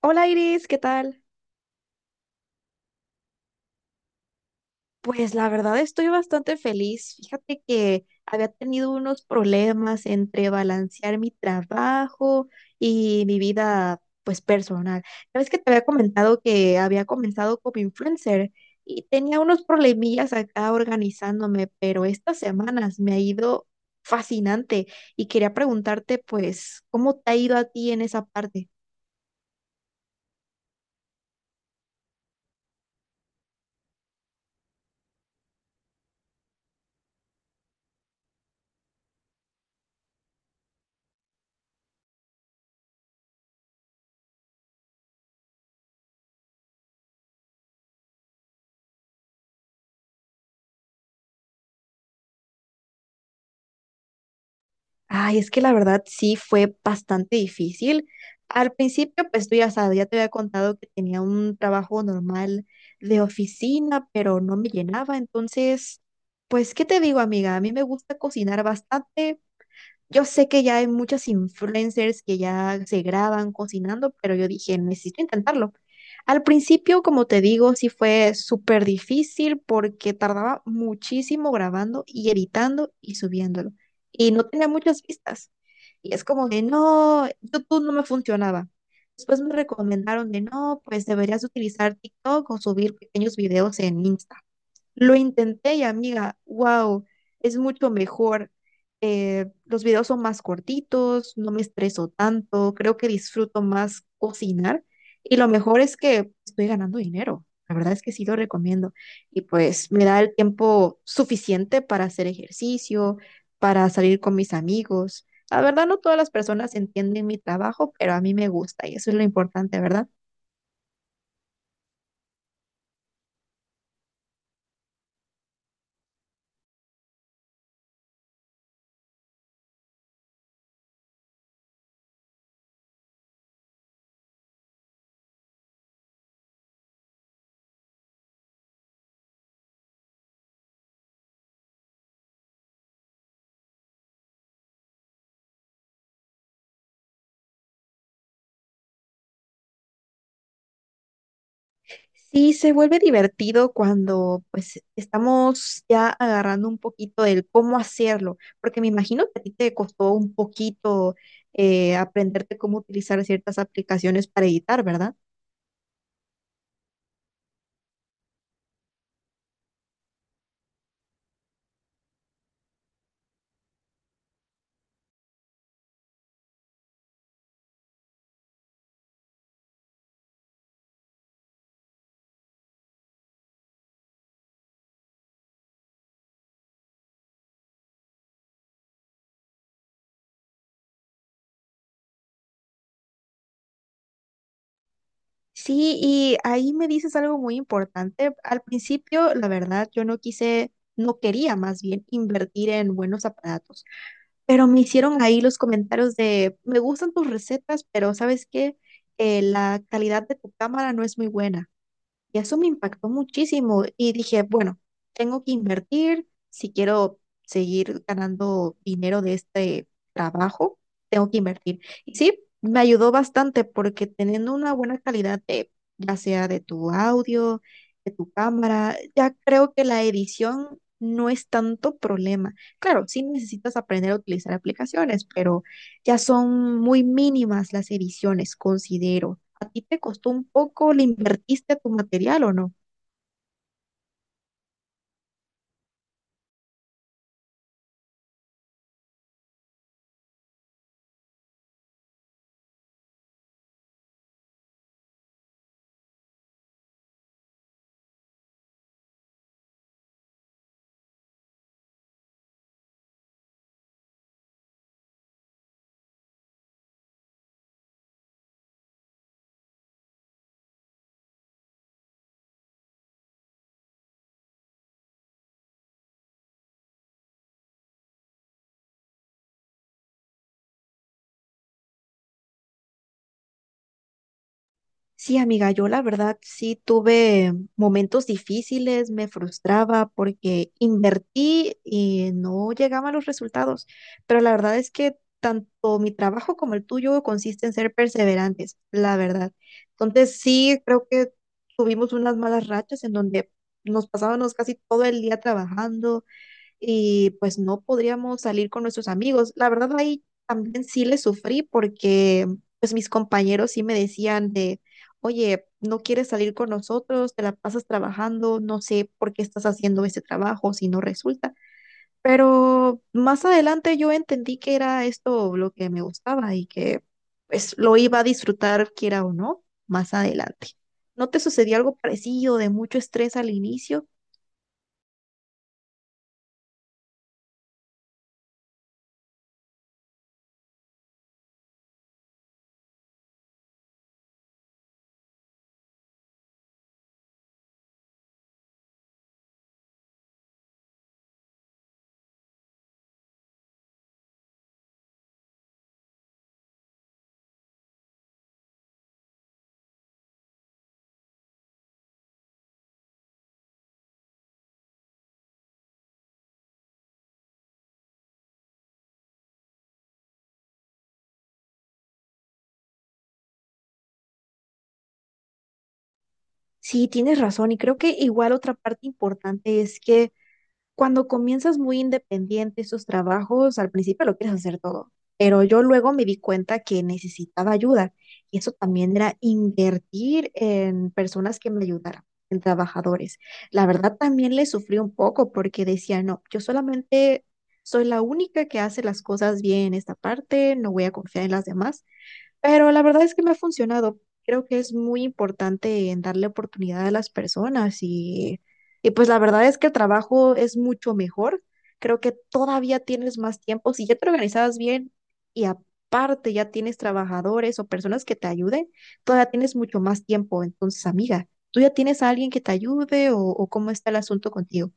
Hola Iris, ¿qué tal? Pues la verdad estoy bastante feliz. Fíjate que había tenido unos problemas entre balancear mi trabajo y mi vida pues personal. Ya ves que te había comentado que había comenzado como influencer y tenía unos problemillas acá organizándome, pero estas semanas me ha ido fascinante y quería preguntarte pues, ¿cómo te ha ido a ti en esa parte? Ay, es que la verdad sí fue bastante difícil. Al principio, pues tú ya sabes, ya te había contado que tenía un trabajo normal de oficina, pero no me llenaba. Entonces, pues, ¿qué te digo, amiga? A mí me gusta cocinar bastante, yo sé que ya hay muchas influencers que ya se graban cocinando, pero yo dije, necesito intentarlo. Al principio, como te digo, sí fue súper difícil porque tardaba muchísimo grabando y editando y subiéndolo. Y no tenía muchas vistas. Y es como de, no, YouTube no me funcionaba. Después me recomendaron de, no, pues deberías utilizar TikTok o subir pequeños videos en Instagram. Lo intenté y amiga, wow, es mucho mejor. Los videos son más cortitos, no me estreso tanto, creo que disfruto más cocinar y lo mejor es que estoy ganando dinero. La verdad es que sí lo recomiendo y pues me da el tiempo suficiente para hacer ejercicio, para salir con mis amigos. La verdad no todas las personas entienden mi trabajo, pero a mí me gusta y eso es lo importante, ¿verdad? Sí, se vuelve divertido cuando pues estamos ya agarrando un poquito del cómo hacerlo, porque me imagino que a ti te costó un poquito aprenderte cómo utilizar ciertas aplicaciones para editar, ¿verdad? Sí, y ahí me dices algo muy importante. Al principio, la verdad, yo no quise, no quería más bien invertir en buenos aparatos, pero me hicieron ahí los comentarios de, me gustan tus recetas, pero ¿sabes qué? La calidad de tu cámara no es muy buena. Y eso me impactó muchísimo y dije, bueno, tengo que invertir si quiero seguir ganando dinero de este trabajo, tengo que invertir. Y sí, me ayudó bastante porque teniendo una buena calidad de, ya sea de tu audio, de tu cámara, ya creo que la edición no es tanto problema. Claro, sí necesitas aprender a utilizar aplicaciones, pero ya son muy mínimas las ediciones, considero. ¿A ti te costó un poco? ¿Le invertiste a tu material o no? Sí, amiga, yo la verdad sí tuve momentos difíciles, me frustraba porque invertí y no llegaban los resultados, pero la verdad es que tanto mi trabajo como el tuyo consiste en ser perseverantes, la verdad. Entonces sí, creo que tuvimos unas malas rachas en donde nos pasábamos casi todo el día trabajando y pues no podríamos salir con nuestros amigos. La verdad ahí también sí le sufrí porque pues mis compañeros sí me decían de, oye, no quieres salir con nosotros, te la pasas trabajando, no sé por qué estás haciendo ese trabajo si no resulta. Pero más adelante yo entendí que era esto lo que me gustaba y que pues lo iba a disfrutar quiera o no más adelante. ¿No te sucedió algo parecido de mucho estrés al inicio? Sí, tienes razón. Y creo que igual otra parte importante es que cuando comienzas muy independiente estos trabajos, al principio lo quieres hacer todo. Pero yo luego me di cuenta que necesitaba ayuda. Y eso también era invertir en personas que me ayudaran, en trabajadores. La verdad también le sufrí un poco porque decía, no, yo solamente soy la única que hace las cosas bien en esta parte, no voy a confiar en las demás. Pero la verdad es que me ha funcionado. Creo que es muy importante en darle oportunidad a las personas y pues la verdad es que el trabajo es mucho mejor. Creo que todavía tienes más tiempo. Si ya te organizabas bien y aparte ya tienes trabajadores o personas que te ayuden, todavía tienes mucho más tiempo. Entonces, amiga, ¿tú ya tienes a alguien que te ayude o cómo está el asunto contigo?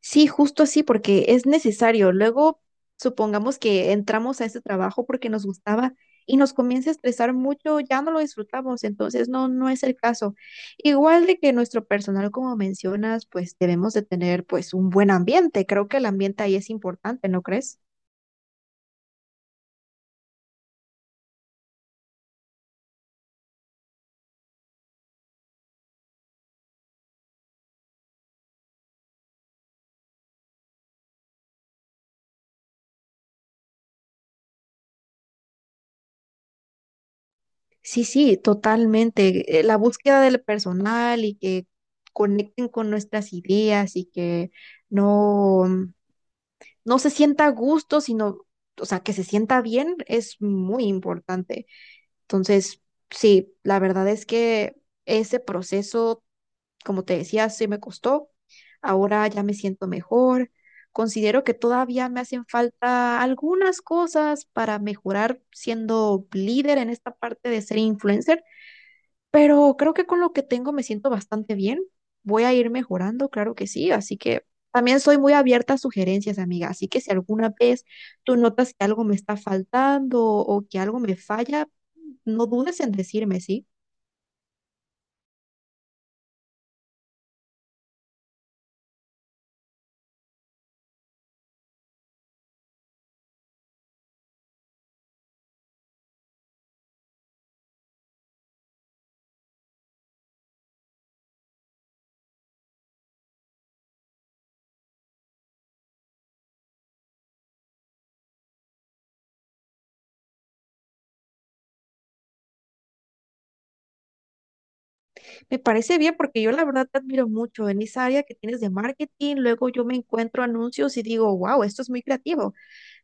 Sí, justo así, porque es necesario. Luego, supongamos que entramos a ese trabajo porque nos gustaba y nos comienza a estresar mucho, ya no lo disfrutamos, entonces no, no es el caso. Igual de que nuestro personal, como mencionas, pues debemos de tener pues un buen ambiente. Creo que el ambiente ahí es importante, ¿no crees? Sí, sí, totalmente. La búsqueda del personal y que conecten con nuestras ideas y que no. no se sienta a gusto, sino, o sea, que se sienta bien es muy importante. Entonces, sí, la verdad es que ese proceso, como te decía, sí me costó. Ahora ya me siento mejor. Considero que todavía me hacen falta algunas cosas para mejorar siendo líder en esta parte de ser influencer, pero creo que con lo que tengo me siento bastante bien. Voy a ir mejorando, claro que sí. Así que también soy muy abierta a sugerencias, amiga. Así que si alguna vez tú notas que algo me está faltando o que algo me falla, no dudes en decirme, ¿sí? Me parece bien porque yo la verdad te admiro mucho en esa área que tienes de marketing. Luego yo me encuentro anuncios y digo, wow, esto es muy creativo.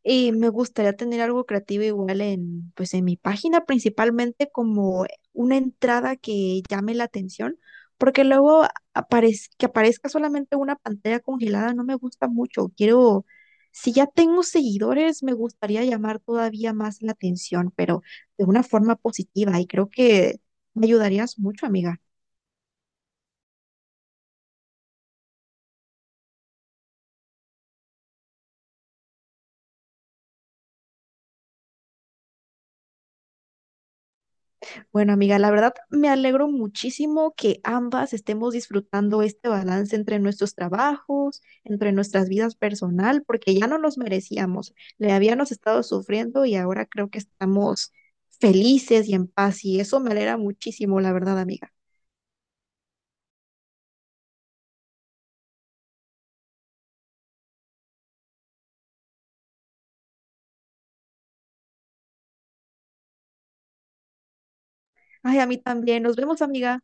Y me gustaría tener algo creativo igual en, pues en mi página, principalmente como una entrada que llame la atención, porque luego que aparezca solamente una pantalla congelada no me gusta mucho. Quiero, si ya tengo seguidores, me gustaría llamar todavía más la atención, pero de una forma positiva y creo que me ayudarías mucho, amiga. Bueno, amiga, la verdad me alegro muchísimo que ambas estemos disfrutando este balance entre nuestros trabajos, entre nuestras vidas personal, porque ya no los merecíamos. Le habíamos estado sufriendo y ahora creo que estamos felices y en paz y eso me alegra muchísimo, la verdad, amiga. Ay, a mí también. Nos vemos, amiga.